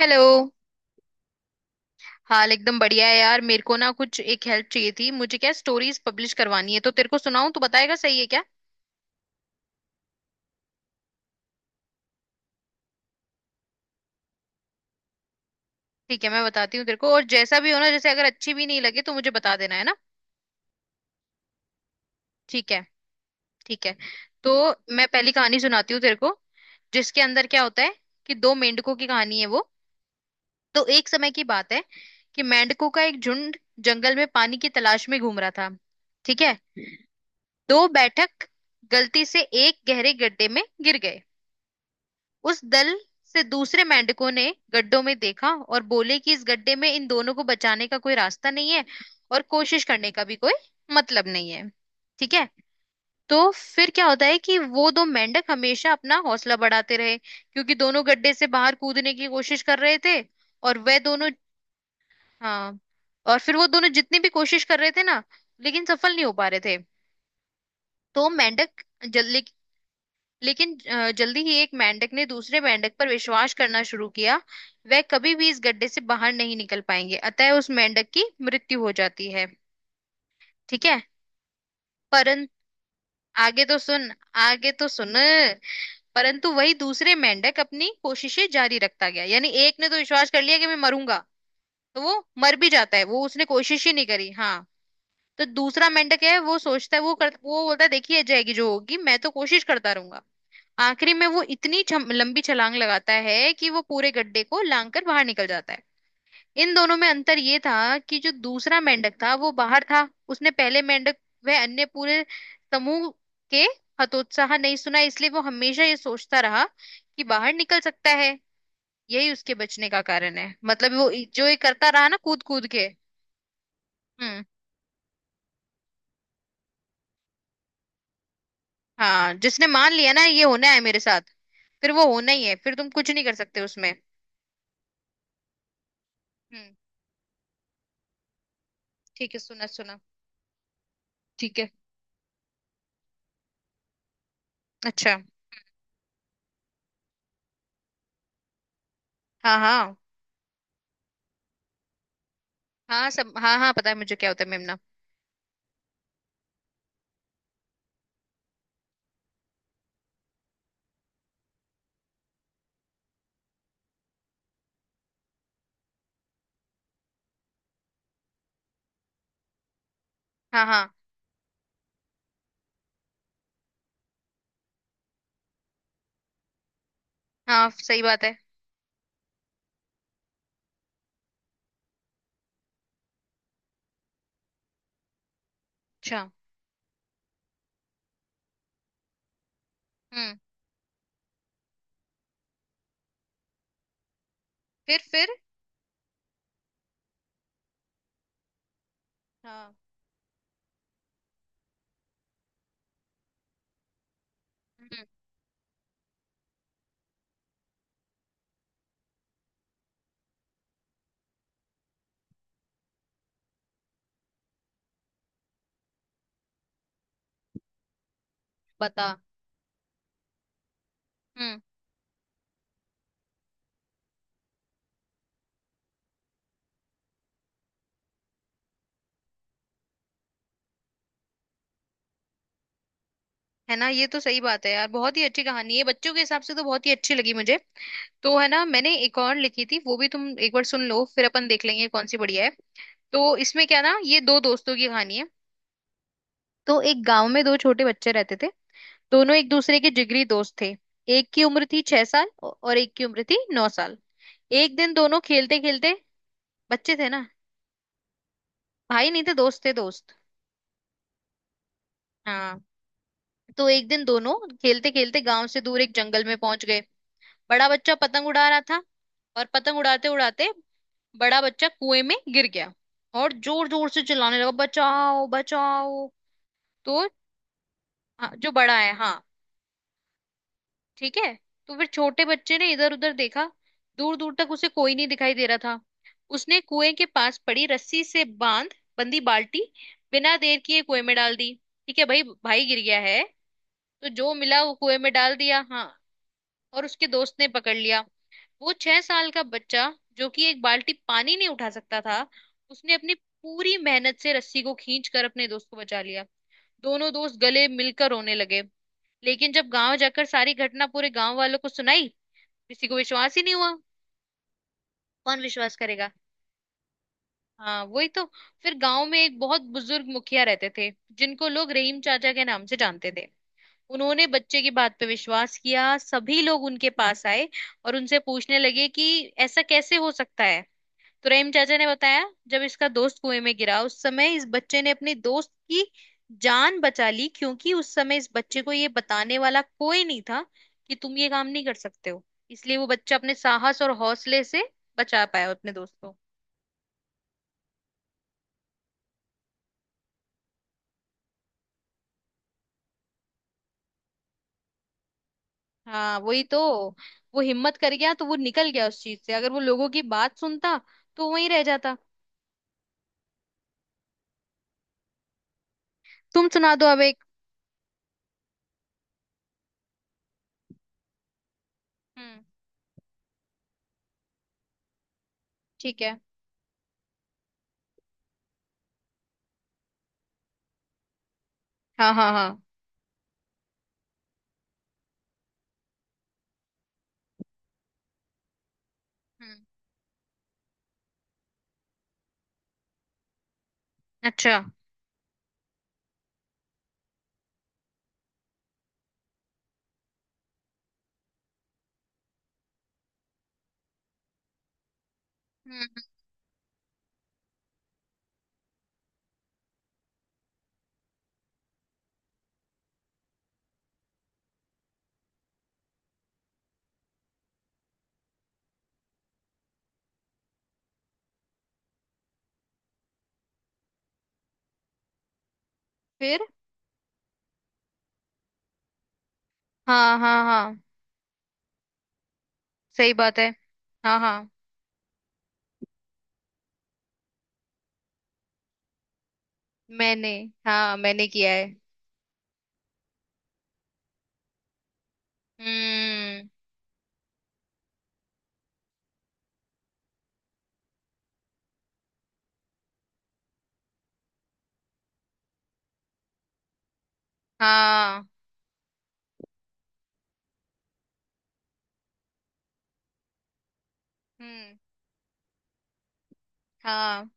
Hello. हाल एकदम बढ़िया है यार। मेरे को ना कुछ एक हेल्प चाहिए थी। मुझे क्या स्टोरीज पब्लिश करवानी है, तो तेरे को सुनाऊं, तू बताएगा सही है क्या? ठीक है, मैं बताती हूँ तेरे को, और जैसा भी हो ना, जैसे अगर अच्छी भी नहीं लगे तो मुझे बता देना, है ना? ठीक है। ठीक है। तो मैं पहली कहानी सुनाती हूँ तेरे को, जिसके अंदर क्या होता है कि दो मेंढकों की कहानी है वो। तो एक समय की बात है कि मेंढकों का एक झुंड जंगल में पानी की तलाश में घूम रहा था। ठीक है। दो बैठक गलती से एक गहरे गड्ढे में गिर गए। उस दल से दूसरे मेंढकों ने गड्ढों में देखा और बोले कि इस गड्ढे में इन दोनों को बचाने का कोई रास्ता नहीं है, और कोशिश करने का भी कोई मतलब नहीं है। ठीक है। तो फिर क्या होता है कि वो दो मेंढक हमेशा अपना हौसला बढ़ाते रहे क्योंकि दोनों गड्ढे से बाहर कूदने की कोशिश कर रहे थे। और वह दोनों हाँ, और फिर वो दोनों जितनी भी कोशिश कर रहे थे ना, लेकिन सफल नहीं हो पा रहे थे। तो मेंढक जल्दी जल्दी ही एक मेंढक ने दूसरे मेंढक पर विश्वास करना शुरू किया, वह कभी भी इस गड्ढे से बाहर नहीं निकल पाएंगे, अतः उस मेंढक की मृत्यु हो जाती है। ठीक है। परं आगे तो सुन, आगे तो सुन। परंतु वही दूसरे मेंढक अपनी कोशिशें जारी रखता गया, यानी एक ने तो विश्वास कर लिया कि मैं मरूंगा, तो वो मर भी जाता है, वो उसने कोशिश ही नहीं करी। हाँ। तो दूसरा मेंढक है, वो सोचता है वो बोलता है देखिए जाएगी जो होगी, मैं तो कोशिश करता रहूंगा। आखिरी में वो इतनी लंबी छलांग लगाता है कि वो पूरे गड्ढे को लांग कर बाहर निकल जाता है। इन दोनों में अंतर ये था कि जो दूसरा मेंढक था वो बाहर था, उसने पहले मेंढक वह अन्य पूरे समूह के हतोत्साह नहीं सुना, इसलिए वो हमेशा ये सोचता रहा कि बाहर निकल सकता है। यही उसके बचने का कारण है, मतलब वो जो ये करता रहा ना, कूद कूद के। हम्म। हाँ, जिसने मान लिया ना ये होना है मेरे साथ, फिर वो होना ही है, फिर तुम कुछ नहीं कर सकते उसमें। हम्म। ठीक है, सुना सुना। ठीक है। अच्छा। हाँ हाँ हाँ सब हाँ हाँ, पता है मुझे क्या होता है मेमना। हाँ हाँ हाँ सही बात है। अच्छा। हम्म। फिर। हाँ। हम्म। बता। हम्म। है ना, ये तो सही बात है यार, बहुत ही अच्छी कहानी है, बच्चों के हिसाब से तो बहुत ही अच्छी लगी मुझे। तो है ना, मैंने एक और लिखी थी, वो भी तुम एक बार सुन लो, फिर अपन देख लेंगे कौन सी बढ़िया है। तो इसमें क्या ना, ये दो दोस्तों की कहानी है। तो एक गांव में दो छोटे बच्चे रहते थे, दोनों एक दूसरे के जिगरी दोस्त थे। एक की उम्र थी छह साल और एक की उम्र थी नौ साल। एक दिन दोनों खेलते खेलते बच्चे थे ना। भाई नहीं थे, दोस्त थे दोस्त। हाँ। तो एक दिन दोनों खेलते खेलते गांव से दूर एक जंगल में पहुंच गए। बड़ा बच्चा पतंग उड़ा रहा था, और पतंग उड़ाते उड़ाते बड़ा बच्चा कुएं में गिर गया, और जोर जोर से चिल्लाने लगा, बचाओ बचाओ। तो हाँ, जो बड़ा है हाँ। ठीक है। तो फिर छोटे बच्चे ने इधर उधर देखा, दूर दूर तक उसे कोई नहीं दिखाई दे रहा था। उसने कुएं के पास पड़ी रस्सी से बांध बंदी बाल्टी बिना देर किए कुएं में डाल दी। ठीक है, भाई भाई गिर गया है, तो जो मिला वो कुएं में डाल दिया। हाँ। और उसके दोस्त ने पकड़ लिया। वो छह साल का बच्चा जो कि एक बाल्टी पानी नहीं उठा सकता था, उसने अपनी पूरी मेहनत से रस्सी को खींच कर अपने दोस्त को बचा लिया। दोनों दोस्त गले मिलकर रोने लगे, लेकिन जब गांव जाकर सारी घटना पूरे गांव वालों को सुनाई, किसी को विश्वास ही नहीं हुआ। कौन विश्वास करेगा, हाँ वही तो। फिर गांव में एक बहुत बुजुर्ग मुखिया रहते थे, जिनको लोग रहीम चाचा के नाम से जानते थे। उन्होंने बच्चे की बात पे विश्वास किया, सभी लोग उनके पास आए और उनसे पूछने लगे कि ऐसा कैसे हो सकता है। तो रहीम चाचा ने बताया, जब इसका दोस्त कुएं में गिरा उस समय इस बच्चे ने अपने दोस्त की जान बचा ली, क्योंकि उस समय इस बच्चे को ये बताने वाला कोई नहीं था कि तुम ये काम नहीं कर सकते हो, इसलिए वो बच्चा अपने साहस और हौसले से बचा पाया अपने दोस्त को। हाँ वही तो, वो हिम्मत कर गया तो वो निकल गया उस चीज से, अगर वो लोगों की बात सुनता तो वहीं रह जाता। तुम सुना दो अब एक। हम्म। ठीक है। हाँ हाँ हाँ। हम्म। अच्छा। हम्म। फिर। हाँ हाँ हाँ सही बात है। हाँ हाँ। मैंने हाँ मैंने किया है। हम्म। हाँ। हम्म। हाँ।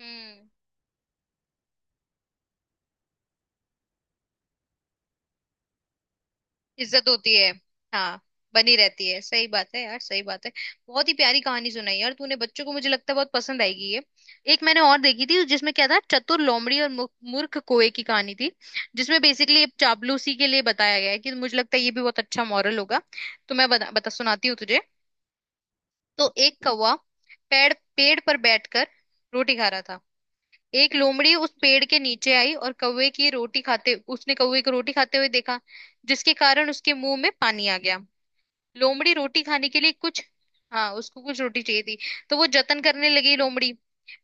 हम्म। इज्जत होती है। हाँ। बनी रहती है, सही बात है यार, सही बात है। बहुत ही प्यारी कहानी सुनाई यार तूने, बच्चों को मुझे लगता है बहुत पसंद आएगी ये। एक मैंने और देखी थी, जिसमें क्या था, चतुर लोमड़ी और मूर्ख कोए की कहानी थी, जिसमें बेसिकली चापलूसी के लिए बताया गया है कि मुझे लगता है ये भी बहुत अच्छा मॉरल होगा। तो मैं बता सुनाती हूँ तुझे। तो एक कौवा पेड़ पेड़ पर बैठकर रोटी खा रहा था। एक लोमड़ी उस पेड़ के नीचे आई और कौवे की रोटी खाते उसने कौवे को रोटी खाते हुए देखा, जिसके कारण उसके मुंह में पानी आ गया। लोमड़ी रोटी खाने के लिए कुछ, हाँ उसको कुछ रोटी चाहिए थी, तो वो जतन करने लगी। लोमड़ी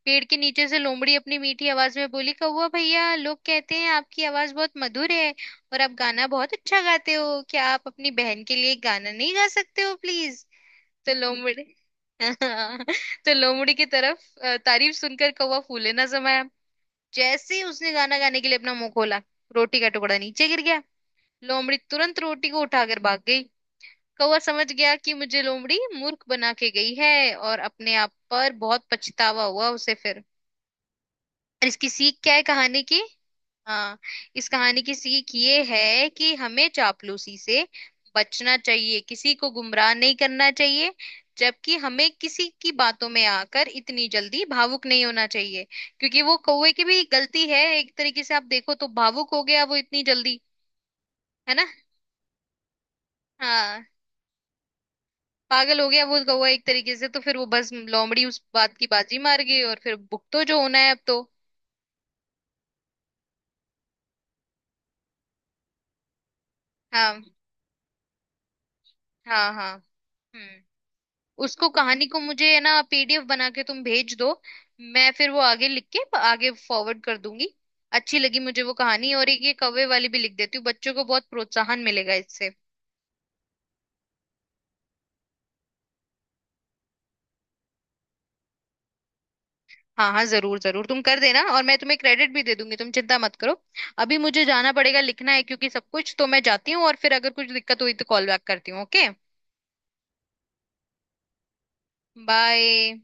पेड़ के नीचे से लोमड़ी अपनी मीठी आवाज में बोली, कौवा भैया लोग कहते हैं आपकी आवाज बहुत मधुर है, और आप गाना बहुत अच्छा गाते हो, क्या आप अपनी बहन के लिए गाना नहीं गा सकते हो प्लीज। तो लोमड़ी तो लोमड़ी की तरफ तारीफ सुनकर कौवा फूले ना समाया। जैसे ही उसने गाना गाने के लिए अपना मुंह खोला, रोटी का टुकड़ा नीचे गिर गया, लोमड़ी तुरंत रोटी को उठाकर भाग गई। कौवा समझ गया कि मुझे लोमड़ी मूर्ख बना के गई है, और अपने आप पर बहुत पछतावा हुआ उसे फिर। और इसकी सीख क्या है कहानी की। हाँ। इस कहानी की सीख ये है कि हमें चापलूसी से बचना चाहिए, किसी को गुमराह नहीं करना चाहिए, जबकि हमें किसी की बातों में आकर इतनी जल्दी भावुक नहीं होना चाहिए। क्योंकि वो कौवे की भी गलती है एक तरीके से, आप देखो तो भावुक हो गया वो इतनी जल्दी। है ना। हाँ। पागल हो गया वो कौवा एक तरीके से, तो फिर वो बस लोमड़ी उस बात की बाजी मार गई, और फिर भुगतो जो होना है अब तो। हाँ हाँ हाँ। हम्म। उसको कहानी को मुझे है ना पीडीएफ बना के तुम भेज दो, मैं फिर वो आगे लिख के आगे फॉरवर्ड कर दूंगी। अच्छी लगी मुझे वो कहानी, और एक ये कौवे वाली भी लिख देती हूँ, बच्चों को बहुत प्रोत्साहन मिलेगा इससे। हाँ हाँ जरूर जरूर तुम कर देना, और मैं तुम्हें क्रेडिट भी दे दूंगी, तुम चिंता मत करो। अभी मुझे जाना पड़ेगा, लिखना है क्योंकि सब कुछ। तो मैं जाती हूँ, और फिर अगर कुछ दिक्कत हुई तो कॉल बैक करती हूँ, ओके। बाय।